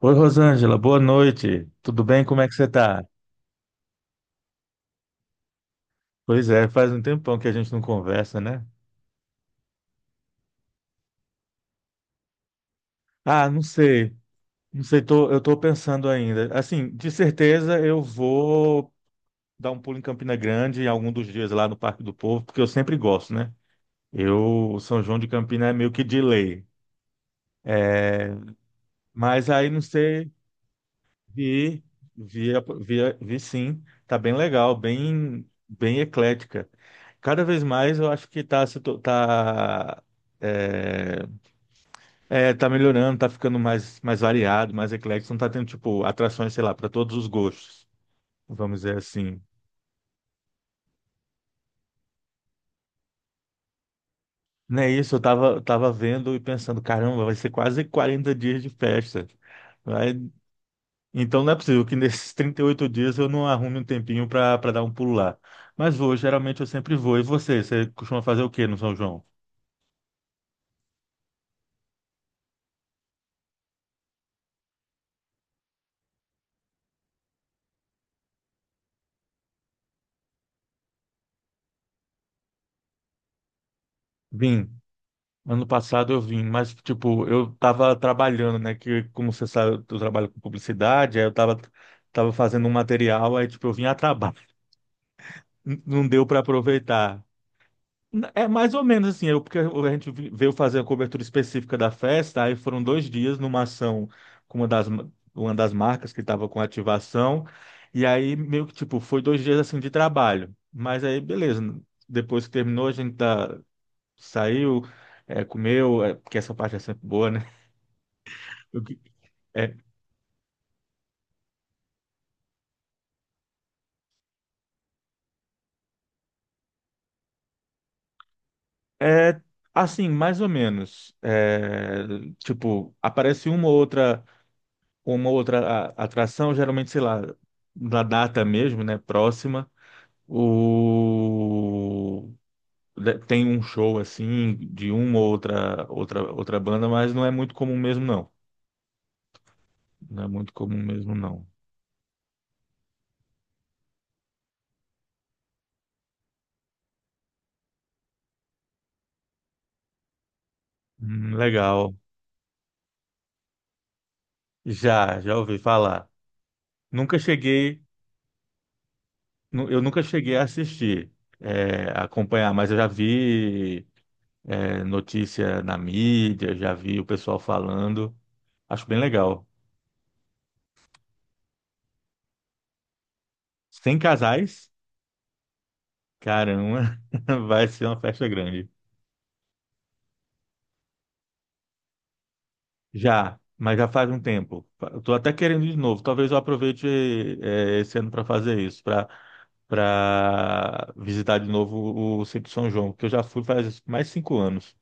Oi, Rosângela, boa noite. Tudo bem? Como é que você tá? Pois é, faz um tempão que a gente não conversa, né? Ah, não sei. Não sei, eu tô pensando ainda. Assim, de certeza eu vou dar um pulo em Campina Grande em algum dos dias lá no Parque do Povo, porque eu sempre gosto, né? Eu, São João de Campina é meio que de lei. Mas aí não sei, vi, vi, vi sim. Tá bem legal, bem eclética. Cada vez mais eu acho que tá, se to- tá, é, é, tá melhorando, tá ficando mais variado, mais eclético, não tá tendo, tipo, atrações, sei lá, para todos os gostos, vamos dizer assim. Não é isso, tava vendo e pensando, caramba, vai ser quase 40 dias de festa. Vai- Então não é possível que nesses 38 dias eu não arrume um tempinho para dar um pulo lá. Mas vou, geralmente eu sempre vou. E você costuma fazer o quê no São João? Vim. Ano passado eu vim, mas, tipo, eu tava trabalhando, né? Que, como você sabe, eu trabalho com publicidade, tava fazendo um material, aí, tipo, eu vim a trabalho. Não deu para aproveitar. É mais ou menos assim, eu, porque a gente vi- veio fazer a cobertura específica da festa, aí foram dois dias numa ação com uma uma das marcas que estava com ativação, e aí meio que, tipo, foi dois dias, assim, de trabalho. Mas aí, beleza, depois que terminou, saiu, comeu, é, porque essa parte é sempre boa, né? O que- É, é assim, mais ou menos. É, tipo, aparece uma ou outra atração, geralmente, sei lá, da data mesmo, né? Próxima. O... Tem um show assim de uma ou outra banda, mas não é muito comum mesmo, não. Não é muito comum mesmo, não. Legal. Já, já ouvi falar. Nunca cheguei, nu- Eu nunca cheguei a assistir, a acompanhar, mas eu já vi. É, notícia na mídia, já vi o pessoal falando. Acho bem legal. Sem casais, caramba, vai ser uma festa grande. Já, mas já faz um tempo. Eu tô até querendo ir de novo. Talvez eu aproveite esse ano para fazer isso, para visitar de novo o Sítio São João, porque eu já fui faz mais 5 anos.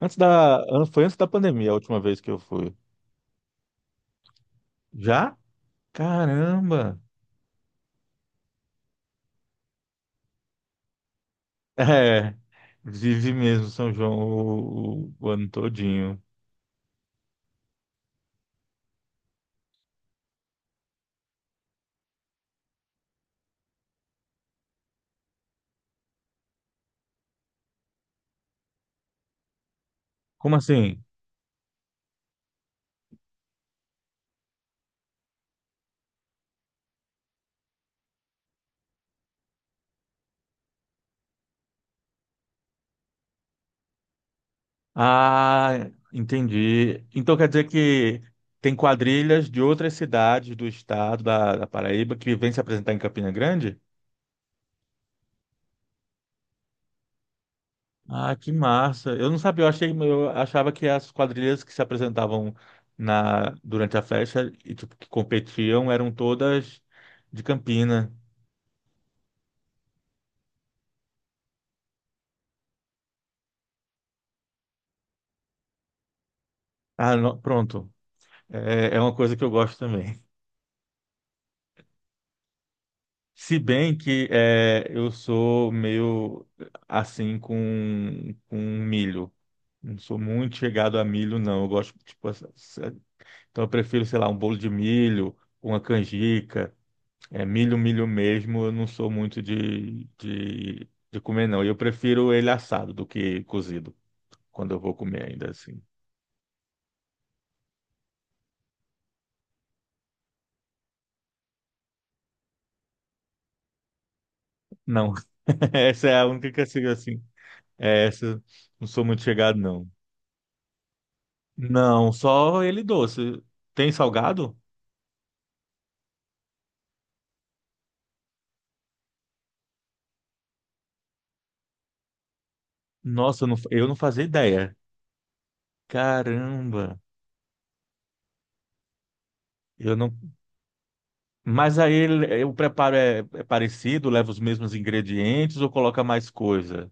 Foi antes da pandemia a última vez que eu fui. Já? Caramba! É, vive mesmo São João o ano todinho. Como assim? Ah, entendi. Então quer dizer que tem quadrilhas de outras cidades do estado da Paraíba que vêm se apresentar em Campina Grande? Ah, que massa. Eu não sabia, eu achei, eu achava que as quadrilhas que se apresentavam durante a festa e tipo, que competiam eram todas de Campina. Pronto. É, é uma coisa que eu gosto também. Se bem que é, eu sou meio assim com milho. Não sou muito chegado a milho, não. Eu gosto, tipo, assim, então eu prefiro, sei lá, um bolo de milho, uma canjica. É, milho mesmo, eu não sou muito de comer, não. E eu prefiro ele assado do que cozido, quando eu vou comer ainda assim. Não, essa é a única que eu sigo assim. É, essa, não sou muito chegado, não. Não, só ele doce. Tem salgado? Nossa, eu não fazia ideia. Caramba, eu não. Mas aí o preparo é parecido, leva os mesmos ingredientes ou coloca mais coisa?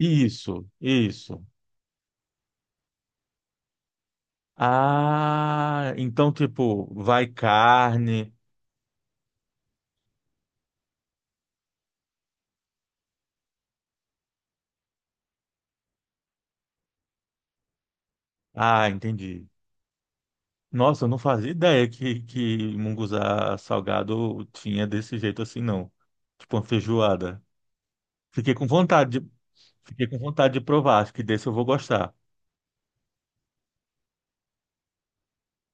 Isso, isso. Ah, então tipo, vai carne. Ah, entendi. Nossa, eu não fazia ideia que munguzá salgado tinha desse jeito assim, não. Tipo uma feijoada. Fiquei com vontade de, Fiquei com vontade de provar. Acho que desse eu vou gostar.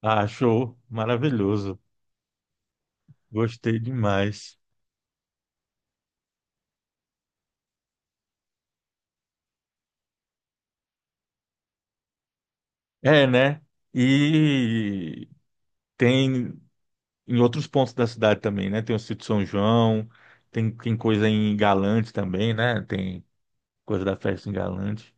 Ah, show, maravilhoso. Gostei demais. É, né? E tem em outros pontos da cidade também, né? Tem o Sítio São João, tem coisa em Galante também, né? Tem coisa da festa em Galante.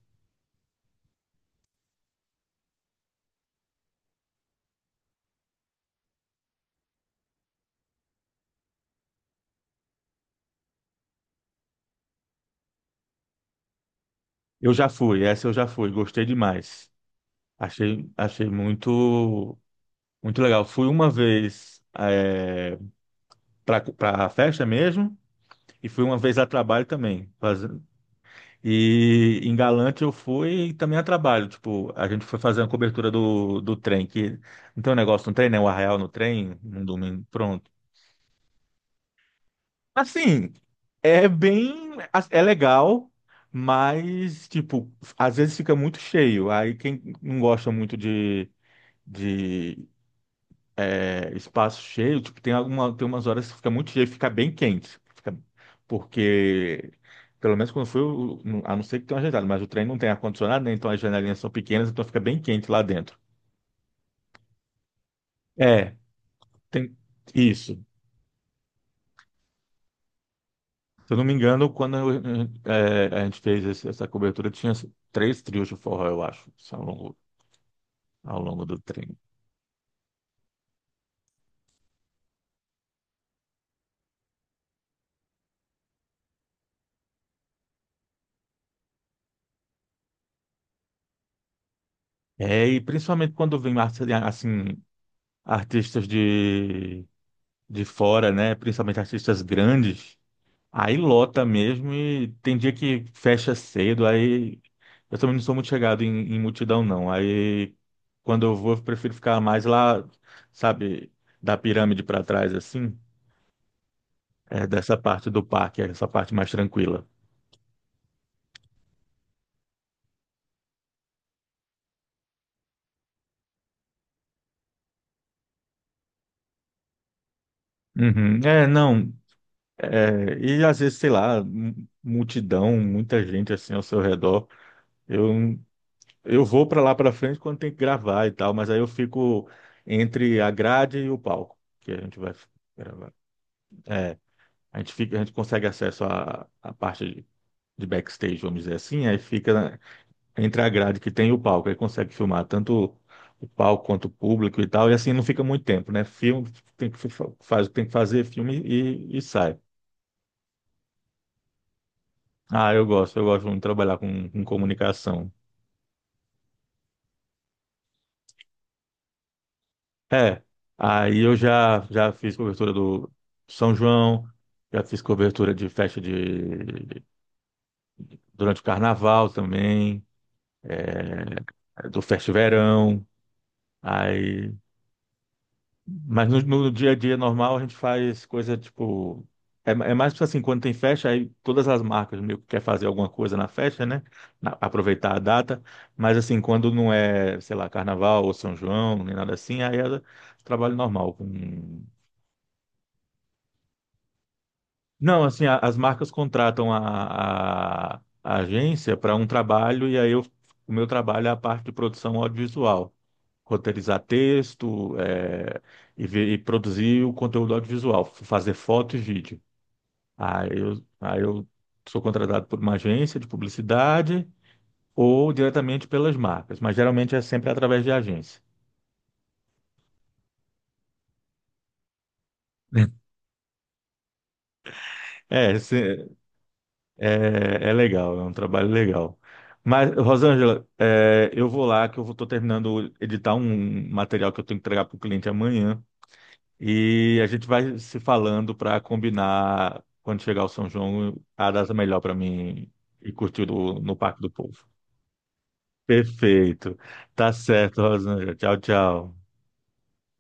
Eu já fui, essa eu já fui, gostei demais. Achei muito legal. Fui uma vez, para a festa mesmo. E fui uma vez a trabalho também. E em Galante eu fui também a trabalho. Tipo, a gente foi fazer uma cobertura do trem, que não tem um negócio no trem, né? O arraial no trem, num domingo, pronto. Assim, é bem, é legal, mas, tipo, às vezes fica muito cheio. Aí quem não gosta muito de espaço cheio, tipo, tem umas horas que fica muito cheio, fica bem quente. Porque, Pelo menos quando foi, a não ser que tenha uma janela, mas o trem não tem ar-condicionado, né? Então as janelinhas são pequenas, então fica bem quente lá dentro. É, tem isso. Se eu não me engano, a gente fez essa cobertura, tinha três trios de forró, eu acho, ao longo do trem. É, e principalmente quando vem assim, artistas de fora, né? Principalmente artistas grandes. Aí lota mesmo e tem dia que fecha cedo, aí eu também não sou muito chegado em multidão, não. Aí quando eu vou, eu prefiro ficar mais lá, sabe, da pirâmide para trás, assim, é, dessa parte do parque, é essa parte mais tranquila. Uhum. É, não, É, e às vezes, sei lá, multidão, muita gente assim ao seu redor. Eu, eu vou para lá para frente quando tem que gravar e tal, mas aí eu fico entre a grade e o palco, que a gente vai gravar. É, a gente consegue acesso à parte de backstage, vamos dizer assim, aí entre a grade que tem e o palco, aí consegue filmar tanto o palco quanto o público e tal, e assim não fica muito tempo, né? Filme tem que fazer filme e sai. Ah, eu gosto muito de trabalhar com comunicação. É, aí eu já já fiz cobertura do São João, já fiz cobertura de festa de durante o carnaval também, do Festa Verão. Aí mas no dia a dia normal a gente faz coisa tipo. É, é mais tipo assim, quando tem festa, aí todas as marcas meio que quer fazer alguma coisa na festa, né? Aproveitar a data. Mas assim, quando não é, sei lá, carnaval ou São João, nem nada assim, aí é trabalho normal, com. Não, assim, as marcas contratam a agência para um trabalho e aí eu, o meu trabalho é a parte de produção audiovisual, roteirizar texto, e produzir o conteúdo audiovisual, fazer foto e vídeo. Aí eu sou contratado por uma agência de publicidade ou diretamente pelas marcas, mas geralmente é sempre através de agência. É, é é legal, é um trabalho legal. Mas, Rosângela, é, eu vou lá que eu estou terminando de editar um material que eu tenho que entregar para o cliente amanhã e a gente vai se falando para combinar quando chegar o São João a data melhor para mim e curtir no Parque do Povo. Perfeito. Tá certo, Rosângela. Tchau, tchau.